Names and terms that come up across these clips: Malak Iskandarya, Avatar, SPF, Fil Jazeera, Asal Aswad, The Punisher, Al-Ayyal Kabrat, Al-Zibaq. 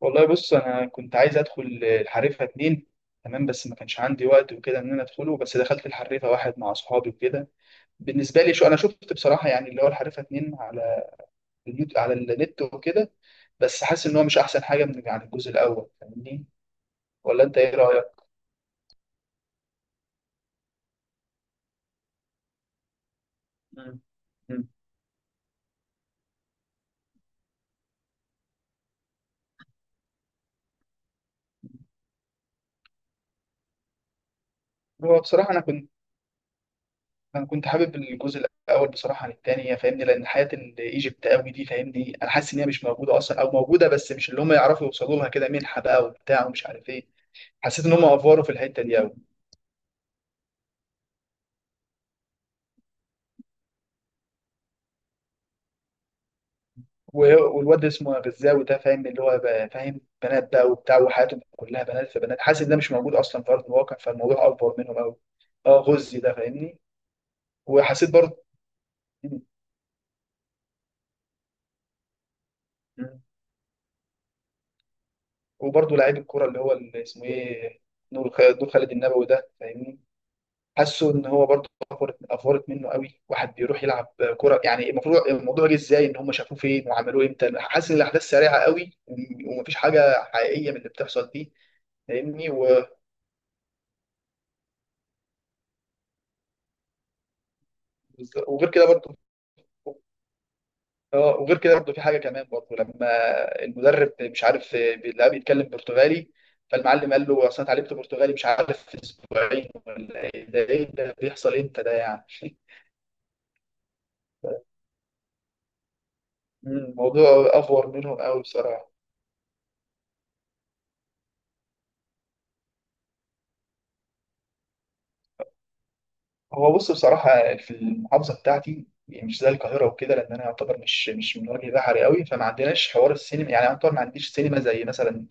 والله بص، انا كنت عايز ادخل الحريفه 2. تمام بس ما كانش عندي وقت وكده ان انا ادخله. بس دخلت الحريفه واحد مع اصحابي وكده. بالنسبه لي، شو انا شفت بصراحه يعني اللي هو الحريفه 2 على اليوت على النت وكده. بس حاسس ان هو مش احسن حاجه من، يعني، الجزء الاول. فاهمني ولا انت؟ ايه رايك؟ مم. مم. هو بصراحه انا كنت حابب الجزء الاول بصراحه عن التاني، فاهمني، لان حياه الايجيبت قوي دي، فاهمني، انا حاسس ان هي مش موجوده اصلا، او موجوده بس مش اللي هم يعرفوا يوصلوا لها كده منحه بقى وبتاع ومش عارف ايه. حسيت ان هم افوروا في الحته دي قوي. والواد اسمه غزاوي ده فاهم، اللي هو، بقى فاهم بنات بقى وبتاع وحياتهم كلها بنات في بنات. حاسس ان ده مش موجود اصلا في ارض الواقع، فالموضوع افور منهم قوي. اه، غزي ده، فاهمني. وحسيت برضه. مم. مم. وبرضه لعيب الكوره اللي هو اللي اسمه ايه، نور خالد النبوي ده، فاهمني. حاسه ان هو برضه افورت افورت منه قوي. واحد بيروح يلعب كوره، يعني المفروض الموضوع جه ازاي؟ ان هم شافوه فين وعملوه امتى؟ حاسس ان الاحداث سريعه قوي ومفيش حاجه حقيقيه من اللي بتحصل فيه. فاهمني. وغير كده برضه. اه، وغير كده برضه في حاجه كمان برضه لما المدرب مش عارف بيلاقيه بيتكلم برتغالي. فالمعلم قال له اصل انا اتعلمت برتغالي، مش عارف، في اسبوعين ولا ايه؟ ده ايه ده؟ بيحصل امتى ده يعني؟ مم، الموضوع افور منهم قوي بصراحه. هو بص، بصراحه، في المحافظه بتاعتي يعني مش زي القاهره وكده، لان انا يعتبر مش من وجه بحري قوي. فما عندناش حوار السينما يعني، يعتبر ما عنديش سينما زي مثلا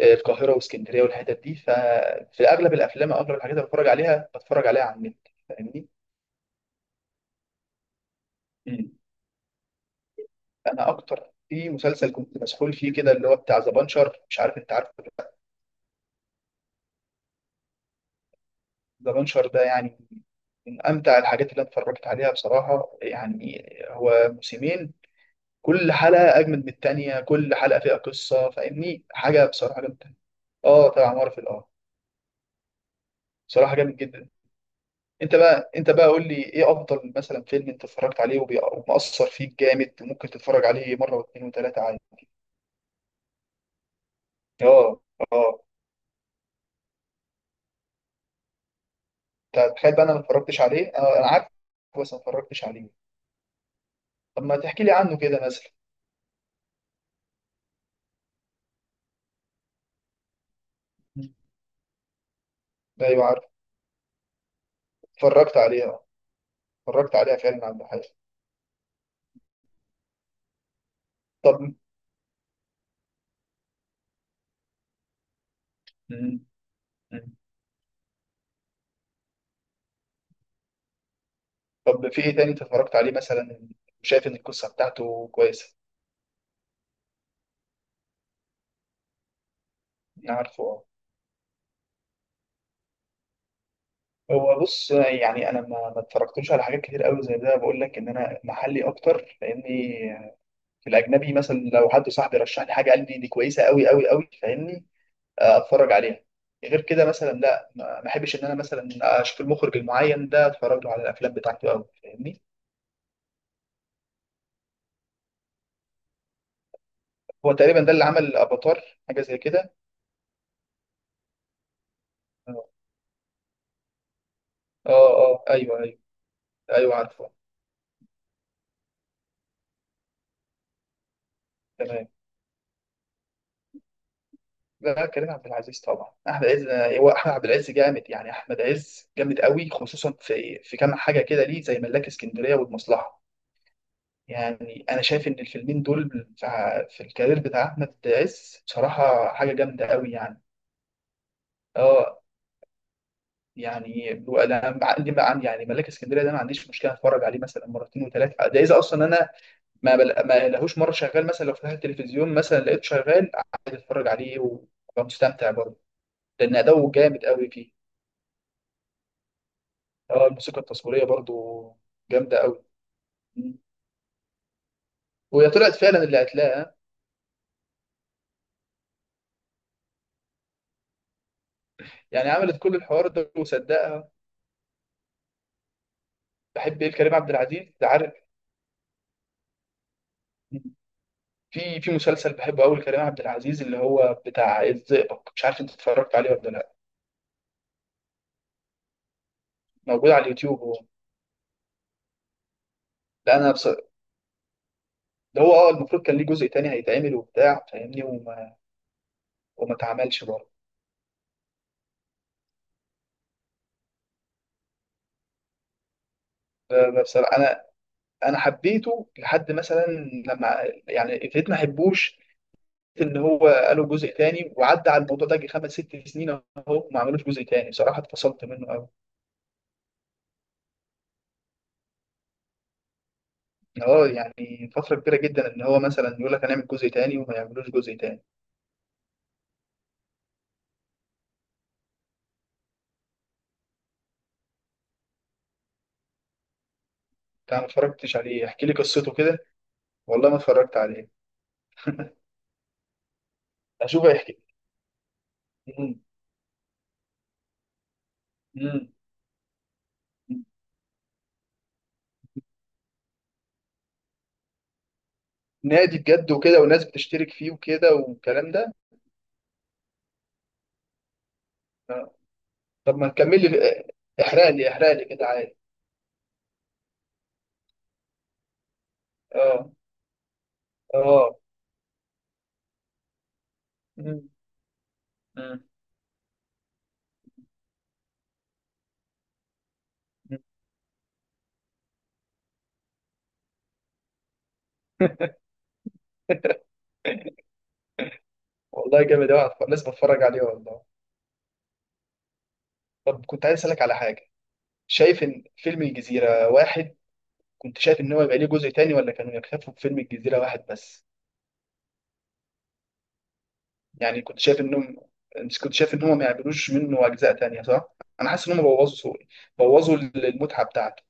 القاهره واسكندريه والحتت دي. ففي اغلب الافلام او اغلب الحاجات اللي بتفرج عليها بتفرج عليها على النت، فاهمني. مم. انا اكتر في مسلسل كنت مسحول فيه كده، اللي هو بتاع ذا بانشر. مش عارف، انت عارفه ولا لأ. ذا بانشر ده يعني من امتع الحاجات اللي انا اتفرجت عليها بصراحه يعني. هو موسمين. كل حلقه اجمد من التانيه، كل حلقه فيها قصه، فاهمني. حاجه بصراحه جامده. اه، تبع مارفل، اه. بصراحه جامد جدا. انت بقى قول لي: ايه افضل مثلا فيلم انت اتفرجت عليه ومأثر فيك جامد وممكن تتفرج عليه مره واثنين وثلاثه عادي؟ اه. اه. انت تخيل بقى، انا ما اتفرجتش عليه. انا عارف. بس ما اتفرجتش عليه. طب ما تحكي لي عنه كده مثلا. ده، ايوه، عارف. اتفرجت عليه، اه. اتفرجت عليها فعلا عند حاجه. طب. مم. مم. طب في ايه تاني انت اتفرجت عليه مثلا؟ وشايف ان القصه بتاعته كويسه؟ انا عارفه، اه. هو بص يعني انا ما اتفرجتلوش على حاجات كتير قوي زي ده. بقول لك ان انا محلي اكتر لاني في الاجنبي، مثلا لو حد صاحبي رشح لي حاجه قال لي دي كويسه قوي قوي قوي، فاهمني، آه، اتفرج عليها. غير كده مثلا لا، ما احبش ان انا مثلا اشوف المخرج المعين ده اتفرج له على الافلام بتاعته قوي، فاهمني. هو تقريبا ده اللي عمل افاتار، حاجه زي كده. اه. اه، آه، ايوه، ايوه. ايوه، عارفه. تمام. لا، كريم عبد العزيز طبعا. احمد عز. هو احمد عبد العز جامد يعني، احمد عز جامد قوي خصوصا في كام حاجه كده ليه زي ملاك اسكندريه والمصلحه. يعني انا شايف ان الفيلمين دول في الكارير بتاع احمد عز بصراحه حاجه جامده قوي يعني. اه. يعني انا عندي بقى، عندي يعني ملاك اسكندريه ده ما عنديش مشكله اتفرج عليه مثلا مرتين وثلاثه. ده اذا اصلا انا ما لهوش مره شغال. مثلا لو فتحت التلفزيون مثلا لقيته شغال عادي اتفرج عليه وابقى مستمتع برضه. لان اداؤه جامد قوي فيه. اه، الموسيقى التصويريه برضه جامده قوي. وهي طلعت فعلا اللي هتلاقيها. يعني عملت كل الحوار ده وصدقها. بحب ايه كريم عبد العزيز ده، عارف، في مسلسل بحبه قوي لكريم عبد العزيز اللي هو بتاع الزئبق. مش عارف، انت اتفرجت عليه ولا لا. موجود على اليوتيوب هو. لا، انا بص. ده هو، اه، المفروض كان ليه جزء تاني هيتعمل وبتاع، فاهمني، وما اتعملش برضه. بصراحه، انا حبيته لحد مثلا لما، يعني، ابتديت ما احبوش ان هو قالوا جزء تاني، وعدى على الموضوع ده جه 5 6 سنين اهو. وما عملوش جزء تاني. بصراحه اتفصلت منه قوي. اه يعني فتره كبيره جدا ان هو مثلا يقول لك هنعمل جزء تاني وما يعملوش جزء تاني. انت ما اتفرجتش عليه؟ احكي لي قصته كده. والله ما اتفرجت عليه. اشوف هيحكي. مم. مم. نادي بجد وكده وناس بتشترك فيه وكده والكلام ده؟ آه. طب ما تكمل لي. احرق لي احرق لي كده عادي. اه. اه. مم. مم. مم. والله جامد قوي، لازم اتفرج عليه والله. طب كنت عايز اسالك على حاجه. شايف ان فيلم الجزيره واحد، كنت شايف ان هو يبقى ليه جزء تاني ولا كانوا يكتفوا بفيلم الجزيره واحد بس؟ يعني كنت شايف انهم، انت كنت شايف ان هم ما يعملوش منه اجزاء تانية صح؟ انا حاسس ان هم بوظوا بوظوا المتعة بتاعته.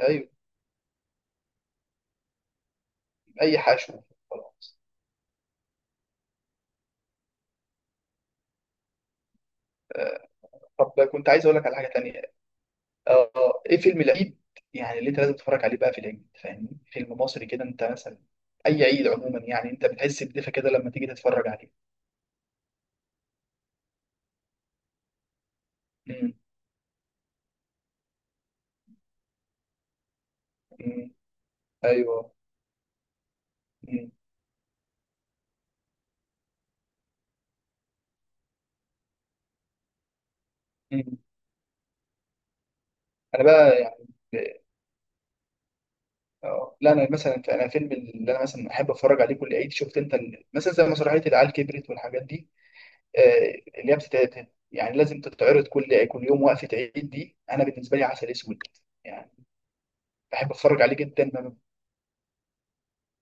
ايوه. اي حشو. خلاص. آه. طب كنت عايز اقول لك على حاجة تانية. اه، ايه فيلم العيد يعني اللي انت لازم تتفرج عليه بقى في العيد، فاهمني؟ فيلم مصري كده انت مثلا. اي عيد عموما يعني، انت بتحس بدفى كده لما تيجي تتفرج عليه. امم. امم. ايوه. امم. امم. انا بقى يعني. اه، لا، انا مثلا، انا فيلم اللي انا مثلا احب اتفرج عليه كل عيد، شفت انت مثلا زي مسرحيه العيال كبرت والحاجات دي. آه، اللي هي بتتعرض يعني لازم تتعرض كل يوم وقفه عيد دي. انا بالنسبه لي عسل اسود. يعني بحب اتفرج عليه جدا، ما,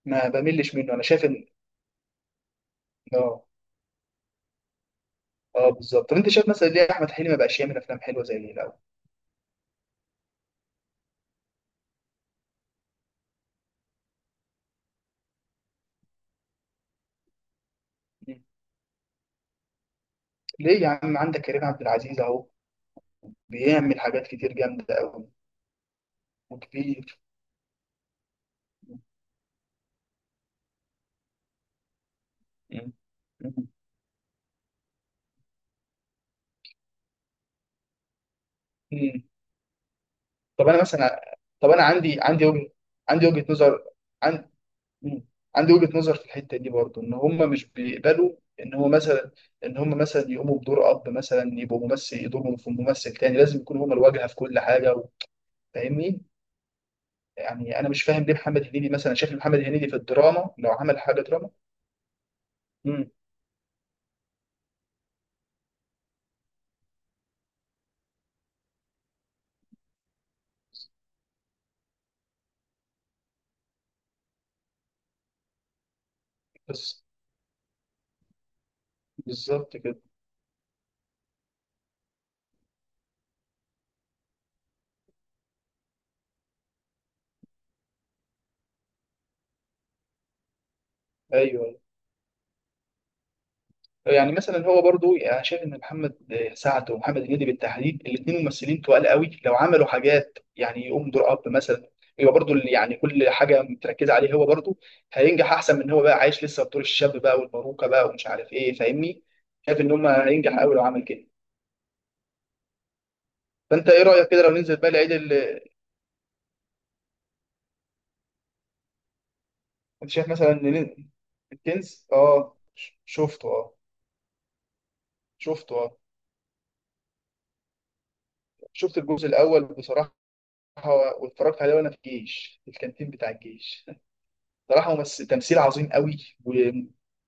ما بملش منه. انا شايف ان، اه، اه، بالظبط. طب انت شايف مثلا ليه احمد حلمي ما بقاش يعمل افلام حلوه زي اللي الاول؟ مم. ليه يا عم؟ عندك كريم عبد العزيز اهو بيعمل حاجات كتير جامده قوي، وكبير. مم. مم. طب انا مثلا، طب انا عندي وجهة، عندي وجهة نظر عن... مم. عندي وجهة نظر في الحتة دي برضو، ان هم مش بيقبلوا ان هو مثلا، ان هم مثلا يقوموا بدور اب مثلا. يبقوا ممثل يدورهم في ممثل تاني؟ لازم يكونوا هم الواجهة في كل حاجة فاهمني. يعني انا مش فاهم ليه محمد هنيدي مثلا. شايف محمد هنيدي في الدراما لو عمل حاجة دراما. امم. بس بالظبط كده. ايوه. يعني مثلا، هو برضو يعني، انا شايف ان محمد سعد ومحمد هنيدي بالتحديد، الاثنين ممثلين تقال قوي لو عملوا حاجات. يعني يقوم دور اب مثلا. يبقى برضو اللي يعني كل حاجه متركزه عليه هو برضو. هينجح احسن من ان هو بقى عايش لسه في دور الشاب بقى والباروكه بقى ومش عارف ايه، فاهمني. شايف ان هم هينجح قوي لو عمل كده. فانت ايه رايك كده لو ننزل بقى العيد انت شايف مثلا إن الكنز، اه، شفته، اه. شفته، اه. شفت الجزء الاول بصراحه. واتفرجت عليه وانا في الجيش، في الكانتين بتاع الجيش. صراحه ممثل تمثيل عظيم قوي وجامد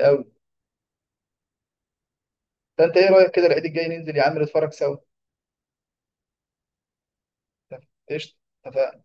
قوي. فانت ايه رايك كده العيد الجاي ننزل يا عم نتفرج سوا؟ قشطه. اتفقنا.